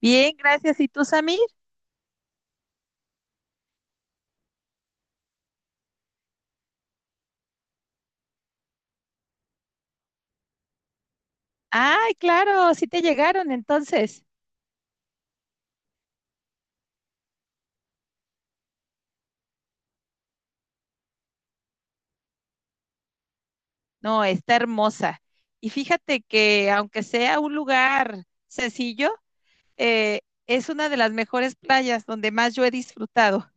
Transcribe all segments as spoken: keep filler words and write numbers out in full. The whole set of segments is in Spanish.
Bien, gracias. ¿Y tú, Samir? Ay, claro, sí te llegaron entonces. No, está hermosa. Y fíjate que aunque sea un lugar sencillo, eh, es una de las mejores playas donde más yo he disfrutado.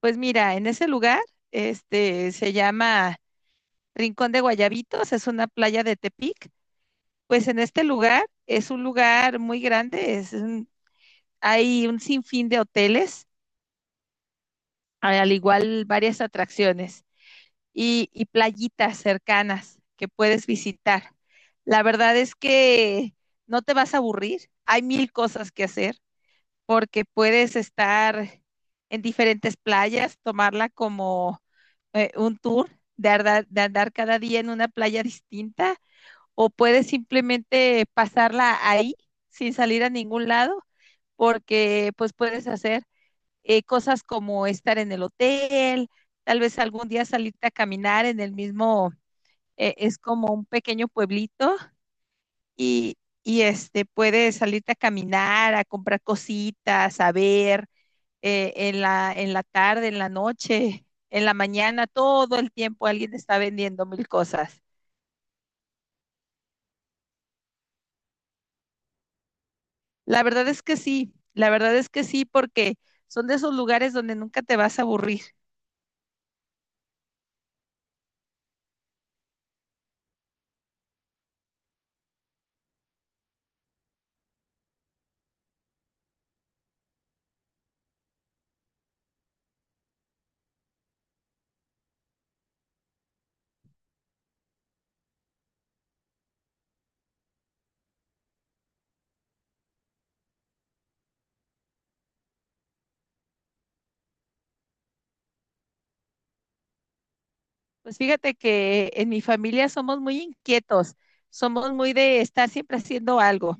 Pues mira, en ese lugar, este, se llama Rincón de Guayabitos, es una playa de Tepic. Pues en este lugar es un lugar muy grande, es un- hay un sinfín de hoteles, al igual varias atracciones. y, y playitas cercanas que puedes visitar. La verdad es que no te vas a aburrir, hay mil cosas que hacer porque puedes estar en diferentes playas, tomarla como eh, un tour de andar, de andar cada día en una playa distinta o puedes simplemente pasarla ahí sin salir a ningún lado porque pues puedes hacer eh, cosas como estar en el hotel, tal vez algún día salirte a caminar en el mismo. Eh, es como un pequeño pueblito y, y este, puedes salirte a caminar, a comprar cositas, a ver. eh, en la, en la tarde, en la noche, en la mañana, todo el tiempo alguien está vendiendo mil cosas. La verdad es que sí, la verdad es que sí, porque son de esos lugares donde nunca te vas a aburrir. Pues fíjate que en mi familia somos muy inquietos, somos muy de estar siempre haciendo algo,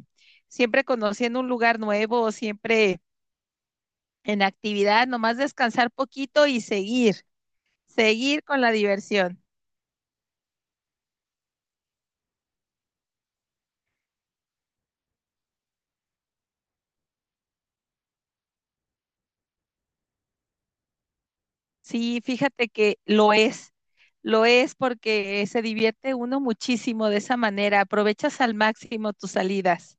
siempre conociendo un lugar nuevo, siempre en actividad, nomás descansar poquito y seguir, seguir con la diversión. Sí, fíjate que lo es, lo es porque se divierte uno muchísimo de esa manera, aprovechas al máximo tus salidas.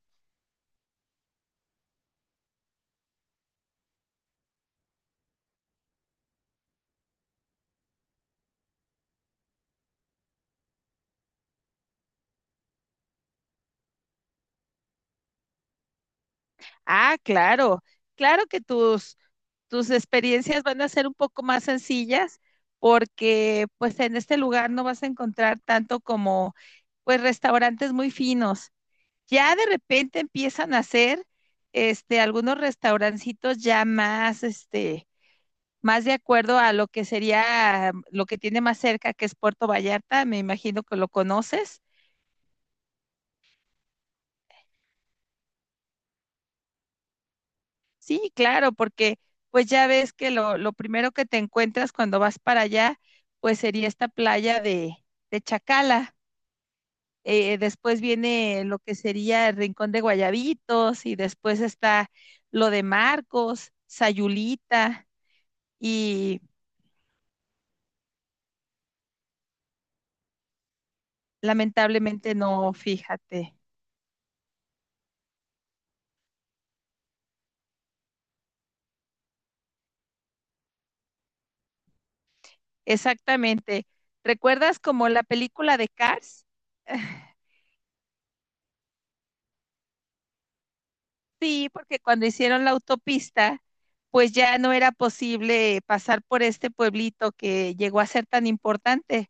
Ah, claro, claro que tus, tus experiencias van a ser un poco más sencillas porque pues en este lugar no vas a encontrar tanto como pues restaurantes muy finos. Ya de repente empiezan a hacer este algunos restaurancitos ya más este más de acuerdo a lo que sería lo que tiene más cerca, que es Puerto Vallarta, me imagino que lo conoces. Sí, claro, porque pues ya ves que lo, lo primero que te encuentras cuando vas para allá, pues sería esta playa de, de Chacala. Eh, después viene lo que sería el Rincón de Guayabitos y después está lo de Marcos, Sayulita y lamentablemente no, fíjate. Exactamente. ¿Recuerdas como la película de Cars? Sí, porque cuando hicieron la autopista, pues ya no era posible pasar por este pueblito que llegó a ser tan importante.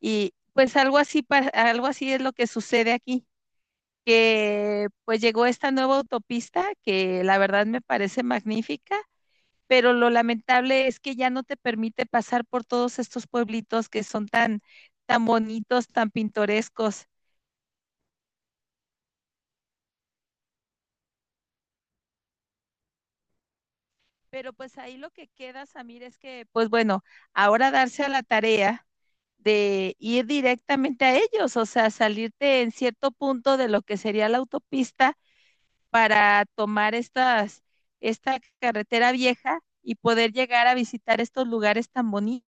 Y pues algo así, pa- algo así es lo que sucede aquí, que pues llegó esta nueva autopista, que la verdad me parece magnífica, pero lo lamentable es que ya no te permite pasar por todos estos pueblitos que son tan, tan bonitos, tan pintorescos. Pero pues ahí lo que queda, Samir, es que pues bueno, ahora darse a la tarea de ir directamente a ellos, o sea, salirte en cierto punto de lo que sería la autopista para tomar estas, esta carretera vieja y poder llegar a visitar estos lugares tan bonitos.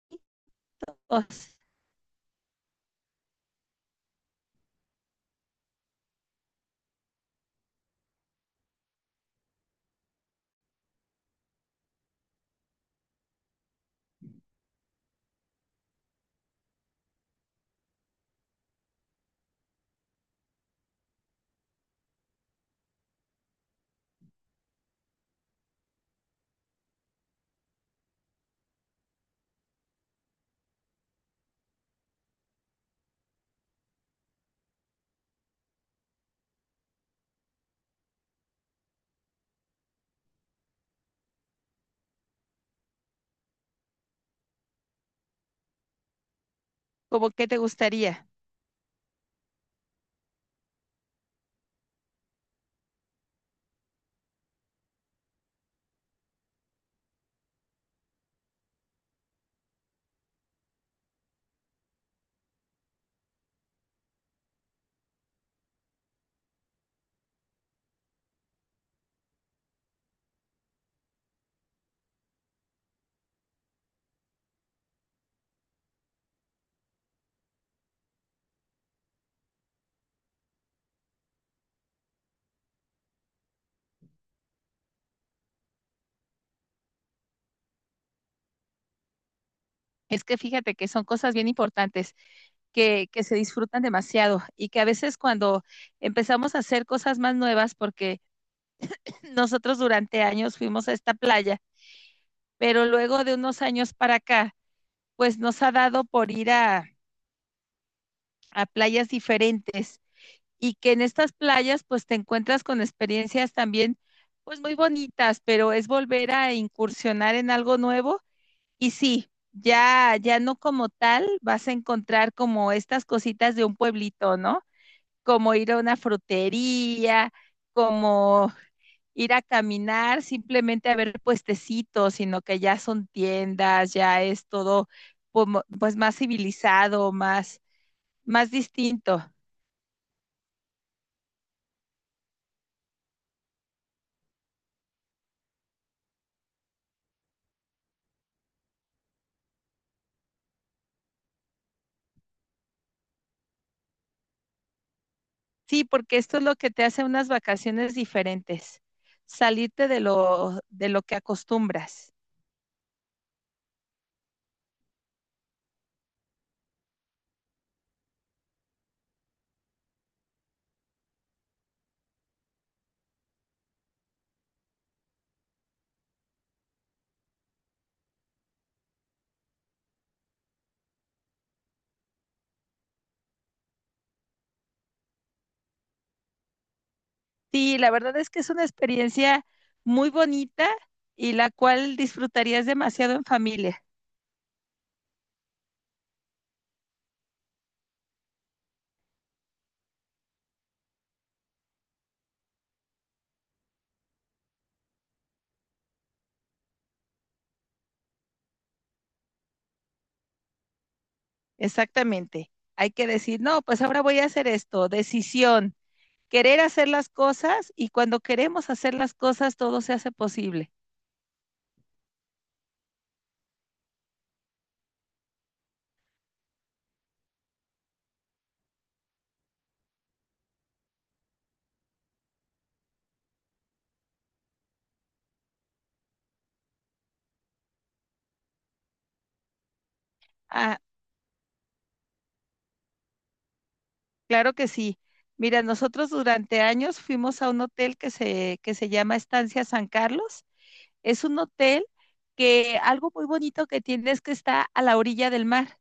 ¿Cómo que te gustaría? Es que fíjate que son cosas bien importantes, que, que se disfrutan demasiado y que a veces cuando empezamos a hacer cosas más nuevas, porque nosotros durante años fuimos a esta playa, pero luego de unos años para acá, pues nos ha dado por ir a, a playas diferentes y que en estas playas pues te encuentras con experiencias también pues muy bonitas, pero es volver a incursionar en algo nuevo. Y sí, ya ya no como tal vas a encontrar como estas cositas de un pueblito, ¿no? Como ir a una frutería, como ir a caminar, simplemente a ver puestecitos, sino que ya son tiendas, ya es todo como, pues más civilizado, más más distinto. Sí, porque esto es lo que te hace unas vacaciones diferentes, salirte de lo, de lo que acostumbras. Sí, la verdad es que es una experiencia muy bonita y la cual disfrutarías demasiado en familia. Exactamente. Hay que decir, no, pues ahora voy a hacer esto, decisión. Querer hacer las cosas, y cuando queremos hacer las cosas todo se hace posible. Ah, claro que sí. Mira, nosotros durante años fuimos a un hotel que se, que se llama Estancia San Carlos. Es un hotel que, algo muy bonito que tiene, es que está a la orilla del mar.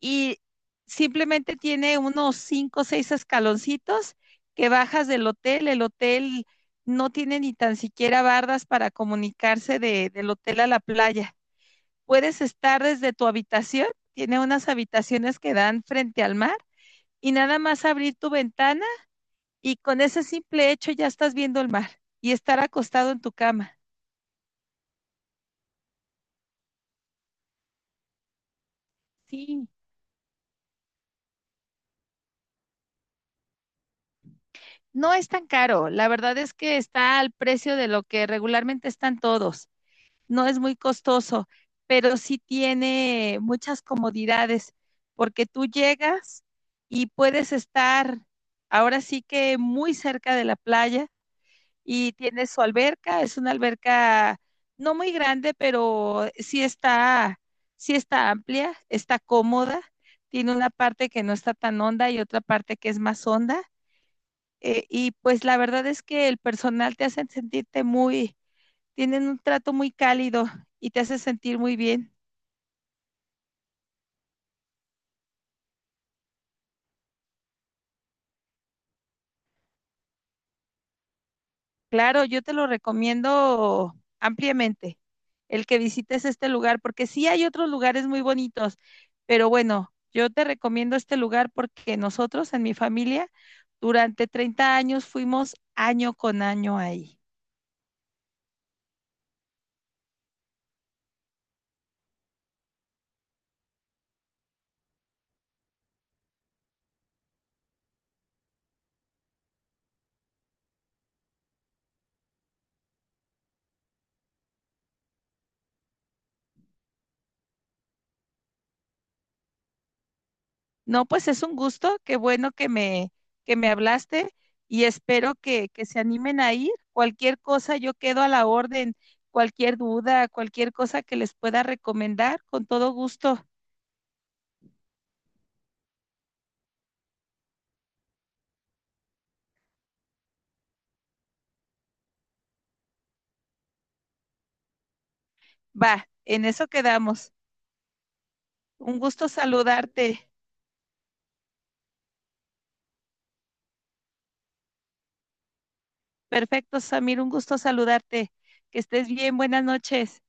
Y simplemente tiene unos cinco o seis escaloncitos que bajas del hotel. El hotel no tiene ni tan siquiera bardas para comunicarse de, del hotel a la playa. Puedes estar desde tu habitación, tiene unas habitaciones que dan frente al mar, y nada más abrir tu ventana y con ese simple hecho ya estás viendo el mar y estar acostado en tu cama. Sí, no es tan caro, la verdad es que está al precio de lo que regularmente están todos. No es muy costoso, pero sí tiene muchas comodidades, porque tú llegas y puedes estar ahora sí que muy cerca de la playa. Y tiene su alberca, es una alberca no muy grande, pero sí está, sí está amplia, está cómoda, tiene una parte que no está tan honda y otra parte que es más honda. Eh, y pues la verdad es que el personal te hace sentirte muy, tienen un trato muy cálido y te hace sentir muy bien. Claro, yo te lo recomiendo ampliamente, el que visites este lugar, porque sí hay otros lugares muy bonitos, pero bueno, yo te recomiendo este lugar porque nosotros en mi familia durante treinta años fuimos año con año ahí. No, pues es un gusto, qué bueno que me, que me hablaste y espero que, que se animen a ir. Cualquier cosa, yo quedo a la orden, cualquier duda, cualquier cosa que les pueda recomendar, con todo gusto. Va, en eso quedamos. Un gusto saludarte. Perfecto, Samir, un gusto saludarte. Que estés bien, buenas noches.